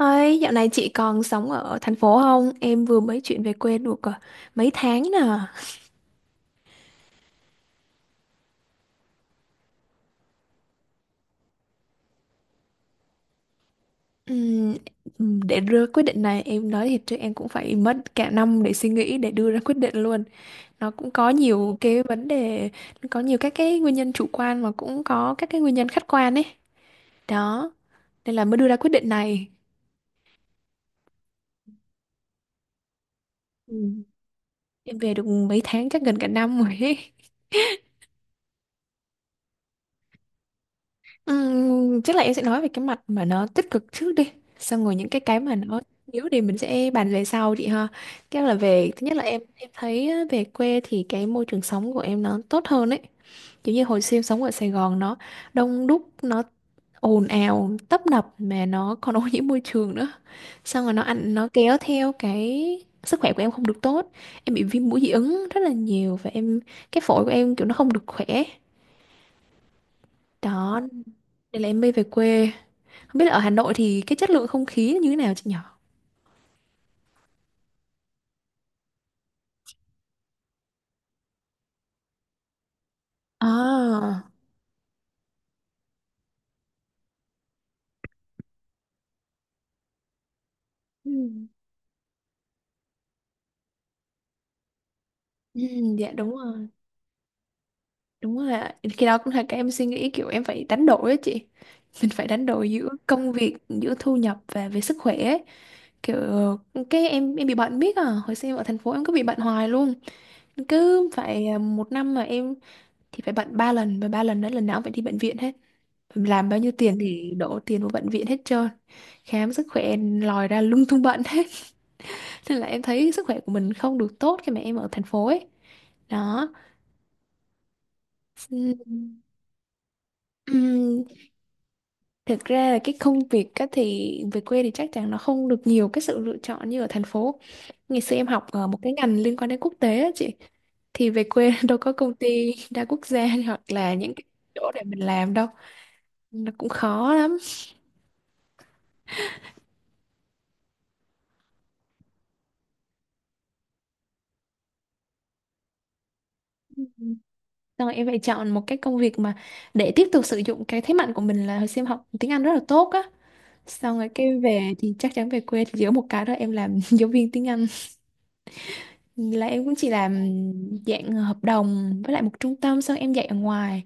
Ơi, dạo này chị còn sống ở thành phố không? Em vừa mới chuyển về quê được à, mấy tháng nè. Ừm, để đưa quyết định này, em nói thiệt chứ em cũng phải mất cả năm để suy nghĩ, để đưa ra quyết định luôn. Nó cũng có nhiều cái vấn đề, có nhiều các cái nguyên nhân chủ quan mà cũng có các cái nguyên nhân khách quan ấy. Đó, nên là mới đưa ra quyết định này. Ừm, Em về được mấy tháng, chắc gần cả năm rồi ấy. Chắc là em sẽ nói về cái mặt mà nó tích cực trước đi, xong rồi những cái mà nó yếu thì mình sẽ bàn về sau chị ha. Cái là về thứ nhất là em thấy á, về quê thì cái môi trường sống của em nó tốt hơn ấy. Kiểu như hồi xưa em sống ở Sài Gòn, nó đông đúc, nó ồn ào tấp nập mà nó còn ô nhiễm môi trường nữa, xong rồi nó ăn nó kéo theo cái sức khỏe của em không được tốt. Em bị viêm mũi dị ứng rất là nhiều, và em cái phổi của em kiểu nó không được khỏe. Đó, nên là em mới về quê. Không biết là ở Hà Nội thì cái chất lượng không khí như thế nào chị nhỏ. À. Ừ. Ừ, dạ đúng rồi, đúng rồi ạ. Khi đó cũng là cái em suy nghĩ kiểu em phải đánh đổi á chị. Mình phải đánh đổi giữa công việc, giữa thu nhập và về sức khỏe ấy. Kiểu cái em bị bệnh biết à, hồi xưa em ở thành phố em cứ bị bệnh hoài luôn. Cứ phải à, một năm mà em thì phải bệnh ba lần, và ba lần đó lần nào cũng phải đi bệnh viện hết. Mình làm bao nhiêu tiền thì đổ tiền vào bệnh viện hết trơn. Khám sức khỏe lòi ra lung tung bệnh hết. Nên là em thấy sức khỏe của mình không được tốt khi mà em ở thành phố ấy. Đó. Ừm, ừm, thực ra là cái công việc á thì về quê thì chắc chắn nó không được nhiều cái sự lựa chọn như ở thành phố. Ngày xưa em học ở một cái ngành liên quan đến quốc tế á chị, thì về quê đâu có công ty đa quốc gia hoặc là những cái chỗ để mình làm đâu, nó cũng khó lắm. Ừm, Rồi em phải chọn một cái công việc mà để tiếp tục sử dụng cái thế mạnh của mình, là hồi xưa em học tiếng Anh rất là tốt á, xong rồi cái về thì chắc chắn về quê thì giữa một cái đó em làm giáo viên tiếng Anh, là em cũng chỉ làm dạng hợp đồng với lại một trung tâm, xong em dạy ở ngoài,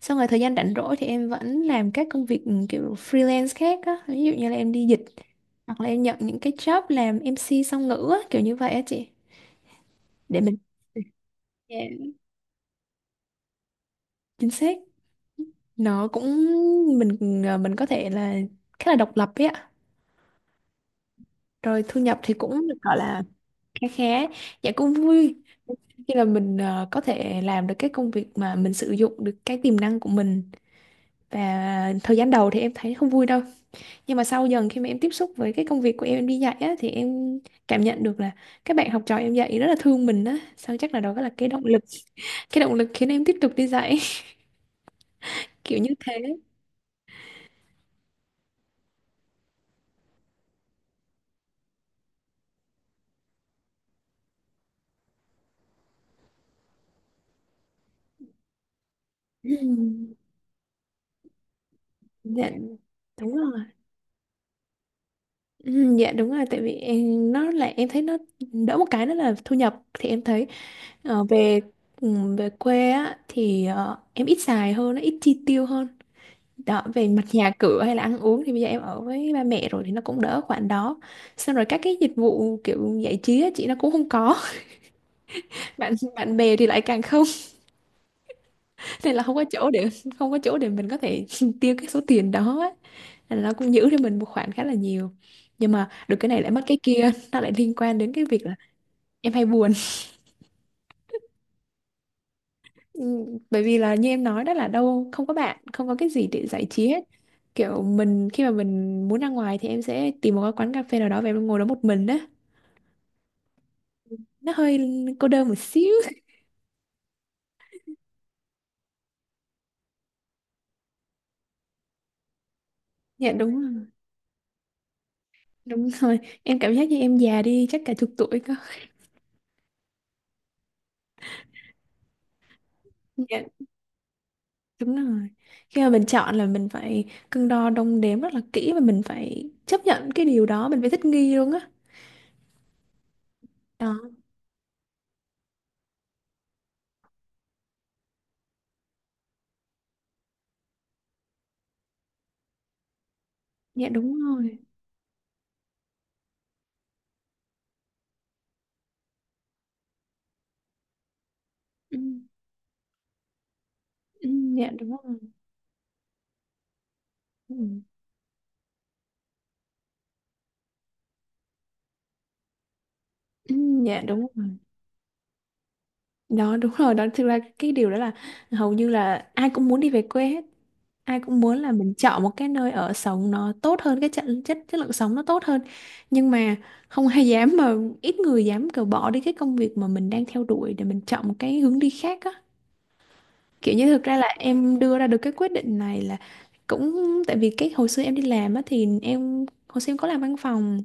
xong rồi thời gian rảnh rỗi thì em vẫn làm các công việc kiểu freelance khác á, ví dụ như là em đi dịch hoặc là em nhận những cái job làm MC song ngữ á, kiểu như vậy á chị, để mình dạ, chính xác. Nó cũng mình mình có thể là khá là độc lập ấy ạ. Rồi thu nhập thì cũng được gọi là khá khá. Dạ cũng vui khi là mình có thể làm được cái công việc mà mình sử dụng được cái tiềm năng của mình. Và thời gian đầu thì em thấy không vui đâu, nhưng mà sau dần khi mà em tiếp xúc với cái công việc của em đi dạy á, thì em cảm nhận được là các bạn học trò em dạy rất là thương mình á, sao chắc là đó là cái động lực, cái động lực khiến em tiếp tục đi dạy kiểu như thế Ừm, dạ đúng rồi. Dạ đúng rồi. Tại vì em, nó là em thấy nó đỡ một cái, đó là thu nhập thì em thấy ờ, về ừ, về quê á thì ờ, em ít xài hơn, nó ít chi tiêu hơn. Đó, về mặt nhà cửa hay là ăn uống thì bây giờ em ở với ba mẹ rồi thì nó cũng đỡ khoản đó. Xong rồi các cái dịch vụ kiểu giải trí á, chị, nó cũng không có. Bạn bạn bè thì lại càng không, nên là không có chỗ để mình có thể tiêu cái số tiền đó á. Nên là nó cũng giữ cho mình một khoản khá là nhiều. Nhưng mà được cái này lại mất cái kia, nó lại liên quan đến cái việc là em hay buồn. Ừ, bởi vì là như em nói đó, là đâu không có bạn, không có cái gì để giải trí hết, kiểu mình khi mà mình muốn ra ngoài thì em sẽ tìm một cái quán cà phê nào đó và em ngồi đó một mình đó, nó hơi cô đơn một xíu. Dạ đúng rồi, đúng rồi, em cảm giác như em già đi chắc cả chục tuổi cơ. Dạ đúng rồi, khi mà mình chọn là mình phải cân đo đong đếm rất là kỹ, và mình phải chấp nhận cái điều đó, mình phải thích nghi luôn á. Đó, dạ đúng rồi. ừ, ừ, dạ đúng rồi. ừ, ừ, dạ đúng rồi đó, đúng rồi đó. Thực ra cái điều đó là hầu như là ai cũng muốn đi về quê hết, ai cũng muốn là mình chọn một cái nơi ở sống nó tốt hơn, cái chất chất chất lượng sống nó tốt hơn, nhưng mà không ai dám mà ít người dám cờ bỏ đi cái công việc mà mình đang theo đuổi để mình chọn một cái hướng đi khác á. Kiểu như thực ra là em đưa ra được cái quyết định này là cũng tại vì cái hồi xưa em đi làm á, thì em hồi xưa em có làm văn phòng,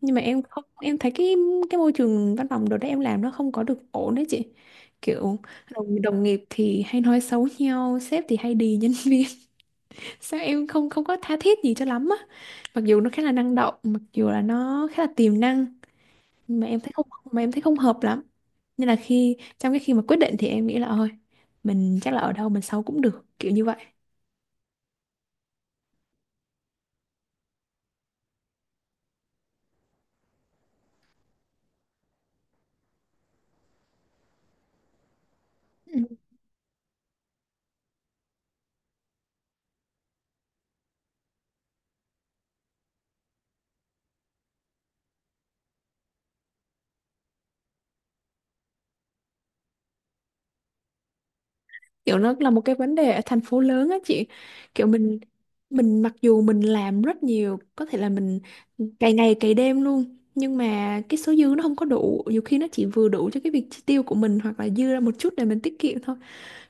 nhưng mà em không, em thấy cái môi trường văn phòng đồ đấy em làm nó không có được ổn đấy chị. Kiểu đồng nghiệp thì hay nói xấu nhau, sếp thì hay đì nhân viên, sao em không không có tha thiết gì cho lắm á. Mặc dù nó khá là năng động, mặc dù là nó khá là tiềm năng, nhưng mà em thấy không, mà em thấy không hợp lắm, nên là khi trong cái khi mà quyết định thì em nghĩ là thôi, mình chắc là ở đâu mình xấu cũng được, kiểu như vậy. Kiểu nó là một cái vấn đề ở thành phố lớn á chị, kiểu mình mặc dù mình làm rất nhiều, có thể là mình cày ngày cày đêm luôn, nhưng mà cái số dư nó không có đủ, nhiều khi nó chỉ vừa đủ cho cái việc chi tiêu của mình, hoặc là dư ra một chút để mình tiết kiệm thôi.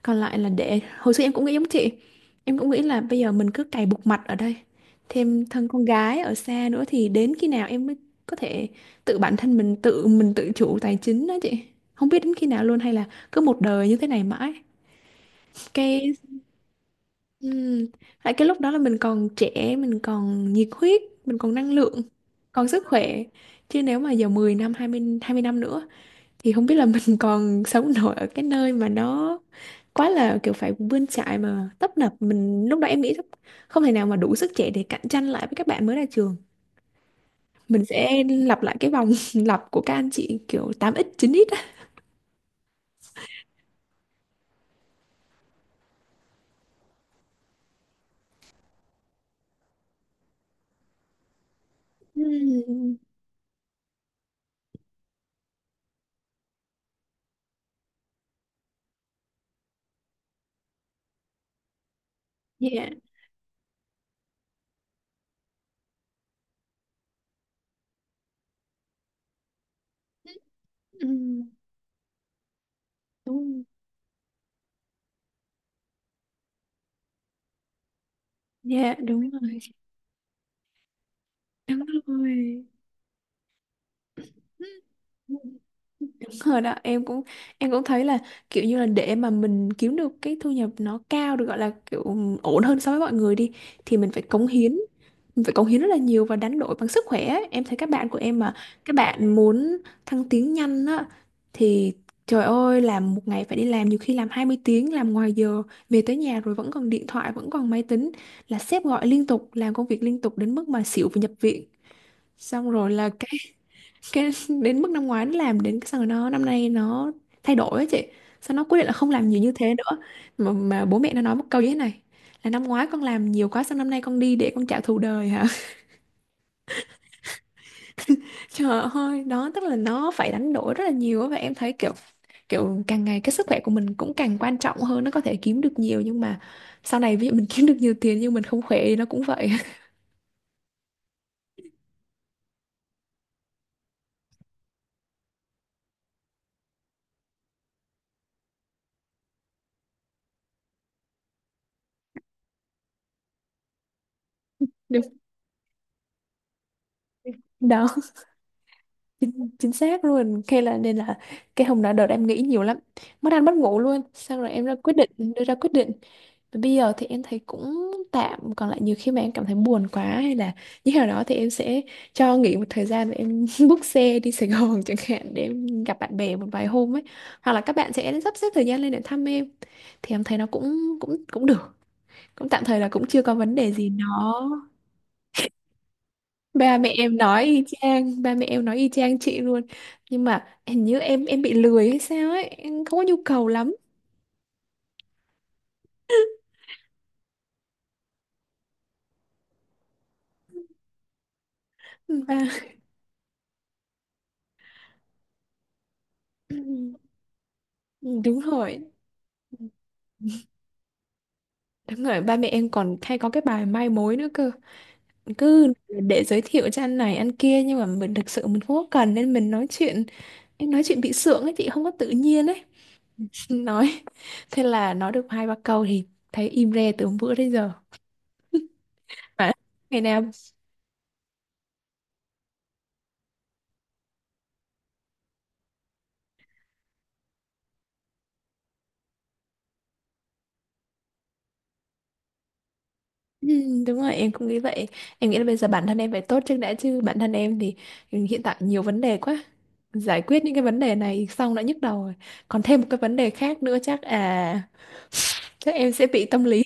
Còn lại là để, hồi xưa em cũng nghĩ giống chị, em cũng nghĩ là bây giờ mình cứ cày bục mặt ở đây, thêm thân con gái ở xa nữa, thì đến khi nào em mới có thể tự bản thân mình tự chủ tài chính đó chị, không biết đến khi nào luôn, hay là cứ một đời như thế này mãi. Cái Ừ. Tại cái lúc đó là mình còn trẻ, mình còn nhiệt huyết, mình còn năng lượng, còn sức khỏe. Chứ nếu mà giờ 10 năm, 20, 20 năm nữa thì không biết là mình còn sống nổi ở cái nơi mà nó quá là kiểu phải bươn chải mà tấp nập. Mình lúc đó em nghĩ không thể nào mà đủ sức trẻ để cạnh tranh lại với các bạn mới ra trường. Mình sẽ lặp lại cái vòng lặp của các anh chị kiểu tám x chín x á. Ừ. Dạ. Ừ. Đúng. Dạ, đúng rồi. Đúng rồi. Đúng rồi đó, em cũng thấy là kiểu như là để mà mình kiếm được cái thu nhập nó cao, được gọi là kiểu ổn hơn so với mọi người đi, thì mình phải cống hiến, mình phải cống hiến rất là nhiều và đánh đổi bằng sức khỏe ấy. Em thấy các bạn của em mà các bạn muốn thăng tiến nhanh á, thì trời ơi làm một ngày phải đi làm, nhiều khi làm 20 tiếng, làm ngoài giờ, về tới nhà rồi vẫn còn điện thoại vẫn còn máy tính, là sếp gọi liên tục, làm công việc liên tục đến mức mà xỉu và nhập viện. Xong rồi là cái đến mức năm ngoái nó làm đến cái xong rồi nó năm nay nó thay đổi ấy chị, sao nó quyết định là không làm nhiều như thế nữa. Mà bố mẹ nó nói một câu như thế này, là năm ngoái con làm nhiều quá sao năm nay con đi để con trả thù đời hả. Trời ơi đó, tức là nó phải đánh đổi rất là nhiều á, và em thấy kiểu kiểu càng ngày cái sức khỏe của mình cũng càng quan trọng hơn, nó có thể kiếm được nhiều nhưng mà sau này ví dụ mình kiếm được nhiều tiền nhưng mình không khỏe thì nó cũng vậy. Đúng đó. Chính xác luôn. Thế là nên là cái hôm đó đợt em nghĩ nhiều lắm, mất ăn mất ngủ luôn, xong rồi em ra quyết định, đưa ra quyết định. Và bây giờ thì em thấy cũng tạm, còn lại nhiều khi mà em cảm thấy buồn quá hay là như thế nào đó thì em sẽ cho nghỉ một thời gian và em book xe đi Sài Gòn chẳng hạn, để em gặp bạn bè một vài hôm ấy, hoặc là các bạn sẽ sắp xếp thời gian lên để thăm em, thì em thấy nó cũng cũng cũng được, cũng tạm thời là cũng chưa có vấn đề gì nó. Ba mẹ em nói y chang ba mẹ em nói y chang chị luôn. Nhưng mà hình như em bị lười hay sao ấy, em không có nhu cầu lắm. Ba đúng rồi, đúng rồi, ba mẹ em còn hay có cái bài mai mối nữa cơ, cứ để giới thiệu cho anh này anh kia, nhưng mà mình thực sự mình không có cần nên mình nói chuyện, em nói chuyện bị sượng ấy chị, không có tự nhiên ấy. Nói, thế là nói được hai ba câu thì thấy im re từ hôm bữa đến giờ. Mà ngày nào Ừ, đúng rồi em cũng nghĩ vậy, em nghĩ là bây giờ bản thân em phải tốt trước đã, chứ bản thân em thì hiện tại nhiều vấn đề quá, giải quyết những cái vấn đề này xong đã nhức đầu rồi, còn thêm một cái vấn đề khác nữa chắc à, chắc em sẽ bị tâm lý.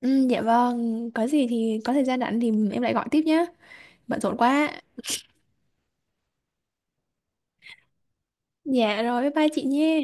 Ừ, dạ vâng, có gì thì có thời gian rảnh thì em lại gọi tiếp nhé, bận rộn quá. Dạ rồi, bye bye chị nhé.